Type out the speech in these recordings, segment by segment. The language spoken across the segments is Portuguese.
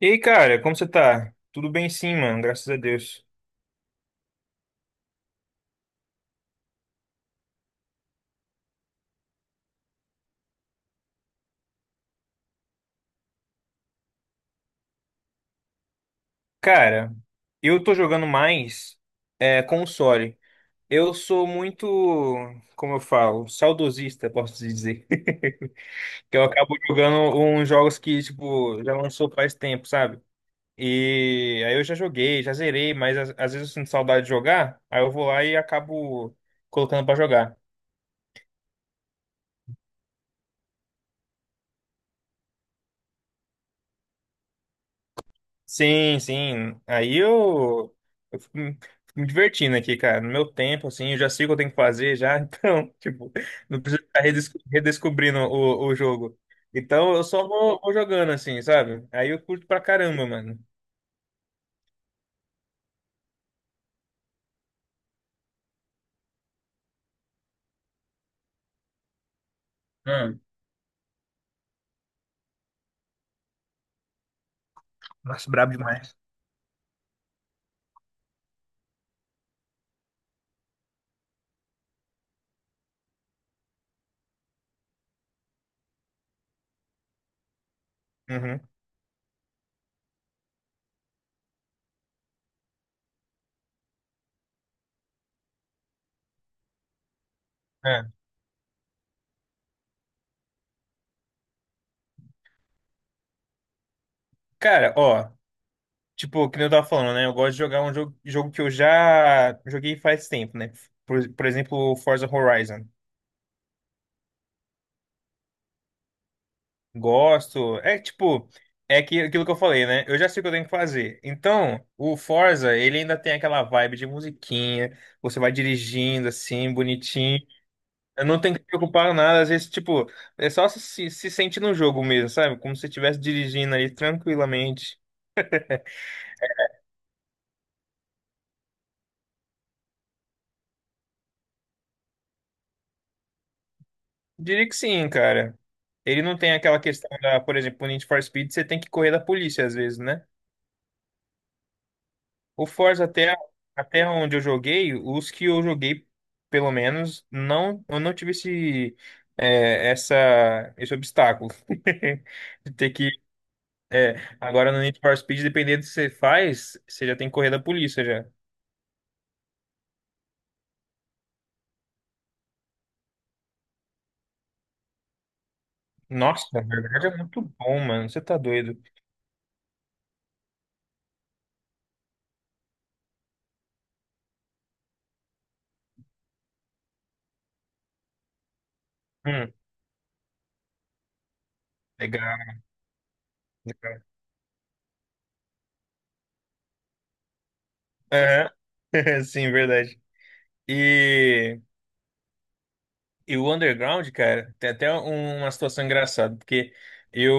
E aí, cara, como você tá? Tudo bem sim, mano, graças a Deus. Cara, eu tô jogando mais console. Eu sou muito, como eu falo, saudosista, posso dizer. Que eu acabo jogando uns jogos que, tipo, já lançou faz tempo, sabe? E aí eu já joguei, já zerei, mas às vezes eu sinto saudade de jogar, aí eu vou lá e acabo colocando pra jogar. Sim, sim. Aí eu fico me divertindo aqui, cara. No meu tempo, assim, eu já sei o que eu tenho que fazer já. Então, tipo, não preciso ficar redescobrindo o jogo. Então, eu só vou jogando, assim, sabe? Aí eu curto pra caramba, mano. Hum. Nossa, brabo demais. Uhum. É. Cara, ó, tipo, que nem eu tava falando, né? Eu gosto de jogar um jogo, jogo que eu já joguei faz tempo, né? Por exemplo, o Forza Horizon. Gosto. É tipo, é que, aquilo que eu falei, né? Eu já sei o que eu tenho que fazer. Então, o Forza, ele ainda tem aquela vibe de musiquinha, você vai dirigindo assim, bonitinho. Eu não tenho que me preocupar com nada, às vezes, tipo, é só se sentir no jogo mesmo, sabe? Como se você estivesse dirigindo ali tranquilamente. Diria que sim, cara. Ele não tem aquela questão da, por exemplo, no Need for Speed, você tem que correr da polícia às vezes, né? O Forza até, até onde eu joguei, os que eu joguei, pelo menos, não, eu não tive esse obstáculo. De ter que. Agora no Need for Speed, dependendo do que você faz, você já tem que correr da polícia já. Nossa, na verdade é muito bom, mano. Você tá doido. Hum, legal, legal. Aham. Sim, verdade. E. E o underground, cara, tem até uma situação engraçada, porque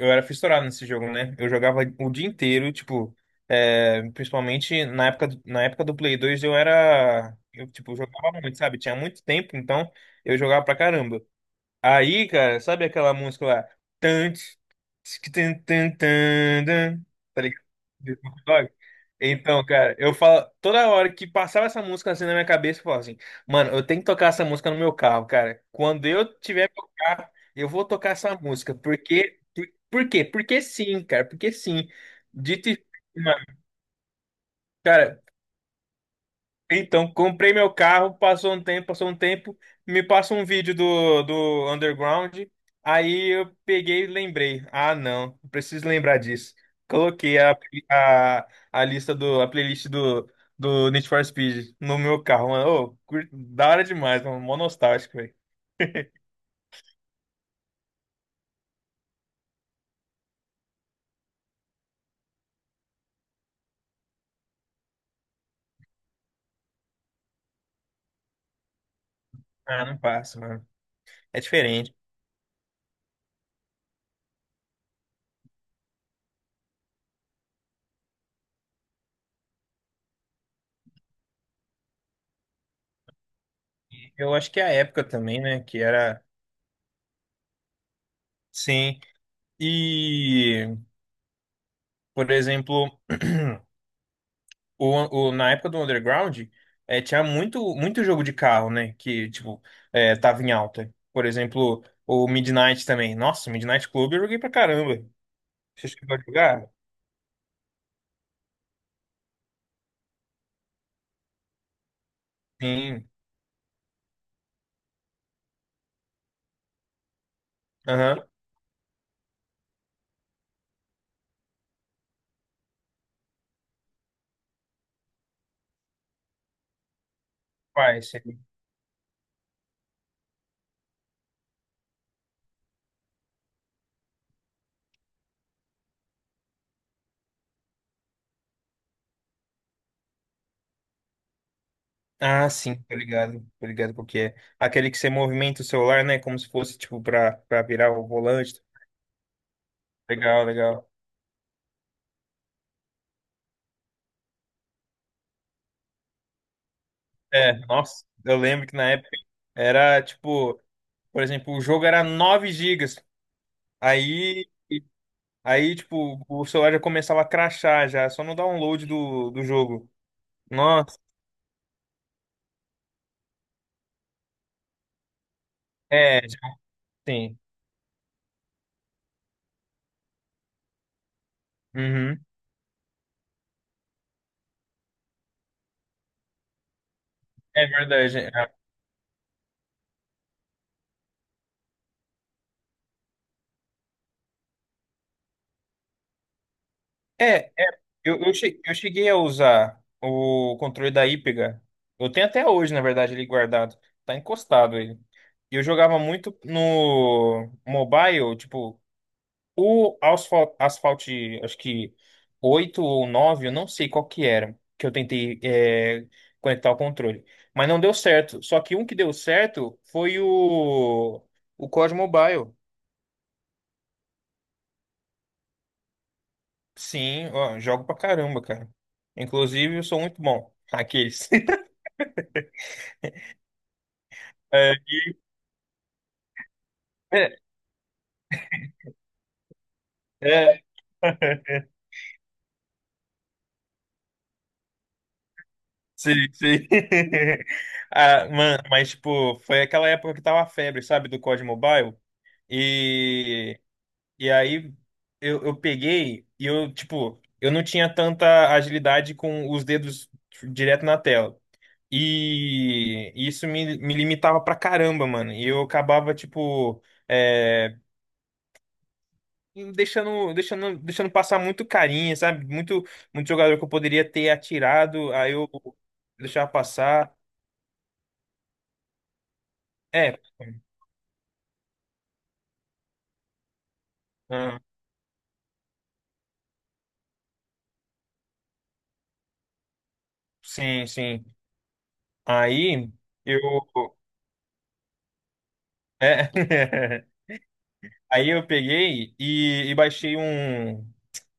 eu era fissurado nesse jogo, né? Eu jogava o dia inteiro, tipo, principalmente na época, na época do Play 2 eu era. Eu, tipo, jogava muito, sabe? Tinha muito tempo, então eu jogava pra caramba. Aí, cara, sabe aquela música lá? Tantes. Tan, tan, tan, tan, dan. Tá ligado? Do Snoop Dogg? Então, cara, eu falo, toda hora que passava essa música assim na minha cabeça, eu falava assim, mano, eu tenho que tocar essa música no meu carro, cara. Quando eu tiver meu carro, eu vou tocar essa música. Porque, por quê? Porque sim, cara, porque sim. Dito e feito, mano, cara, então, comprei meu carro, passou um tempo, me passa um vídeo do Underground, aí eu peguei e lembrei. Ah, não, preciso lembrar disso. Coloquei a, a lista do, a playlist do Need for Speed no meu carro, mano. Ô, da hora demais, mano, mó nostálgico, velho. Ah, não passa, mano. É diferente. Eu acho que é a época também, né, que era, sim. E, por exemplo, na época do Underground, tinha muito, muito jogo de carro, né? Que, tipo, tava em alta. Por exemplo, o Midnight também. Nossa, o Midnight Club eu joguei pra caramba. Você chegou a jogar? Sim. Aham. Vai, esse aí. Ah, sim, tô ligado. Tô ligado porque é. Aquele que você movimenta o celular, né? Como se fosse, tipo, pra virar o volante. Legal, legal. É, nossa, eu lembro que na época era, tipo, por exemplo, o jogo era 9 gigas. Aí. Aí, tipo, o celular já começava a crashar já, só no download do jogo. Nossa, é, sim. Uhum. É verdade. É, é. Eu cheguei a usar o controle da Ípega. Eu tenho até hoje, na verdade, ele guardado. Tá encostado ele. E eu jogava muito no mobile, tipo, Asphalt, acho que 8 ou 9 eu não sei qual que era, que eu tentei conectar o controle. Mas não deu certo. Só que um que deu certo foi o COD Mobile. Sim, ó, jogo pra caramba, cara. Inclusive, eu sou muito bom. Aqueles. É, é, é, sim, sim. Ah, mano, mas, tipo, foi aquela época que tava a febre, sabe, do COD Mobile. E E aí eu peguei e eu, tipo, eu não tinha tanta agilidade com os dedos direto na tela. E isso me limitava pra caramba, mano. E eu acabava, tipo, é, deixando passar muito carinha, sabe? Muito jogador que eu poderia ter atirado, aí eu deixava passar. É, ah, sim, sim. Aí eu. É. Aí eu peguei e baixei um.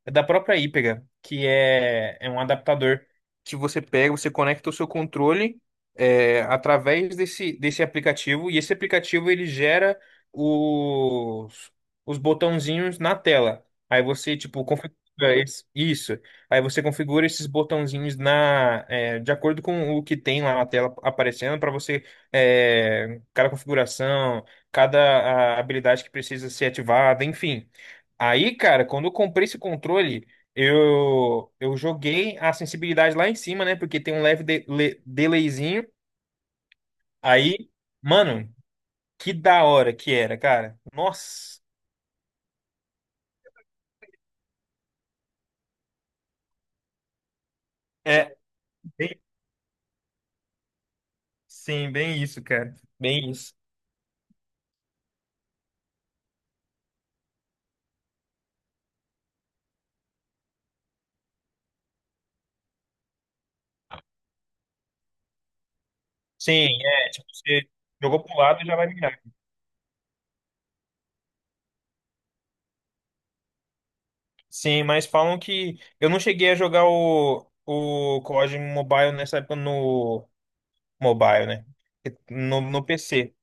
É da própria Hypega, que é um adaptador que você pega, você conecta o seu controle é, através desse aplicativo, e esse aplicativo ele gera os, os botãozinhos na tela. Aí você, tipo, configura isso. Aí você configura esses botãozinhos na, é, de acordo com o que tem lá na tela aparecendo, para você, é, cada configuração, cada a, habilidade que precisa ser ativada, enfim. Aí, cara, quando eu comprei esse controle, eu joguei a sensibilidade lá em cima, né? Porque tem um leve delayzinho. Aí, mano, que da hora que era, cara. Nossa. É, bem- sim, bem isso, cara. Bem isso. Sim, é, tipo, você jogou pro lado e já vai virar. Sim, mas falam que eu não cheguei a jogar o COD Mobile nessa época no mobile, né? No PC.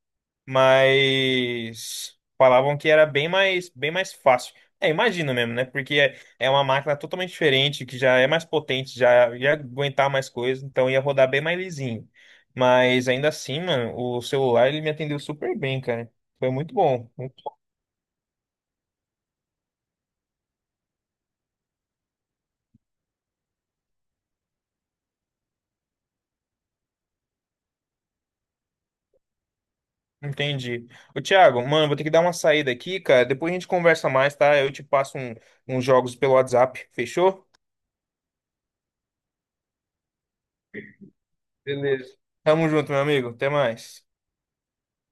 Mas falavam que era bem mais fácil. É, imagino mesmo, né? Porque é, é uma máquina totalmente diferente, que já é mais potente, já ia aguentar mais coisas, então ia rodar bem mais lisinho. Mas ainda assim, mano, o celular ele me atendeu super bem, cara. Foi muito bom. Entendi. Ô, Thiago, mano, vou ter que dar uma saída aqui, cara. Depois a gente conversa mais, tá? Eu te passo um, uns jogos pelo WhatsApp. Fechou? Beleza. Tamo junto, meu amigo. Até mais.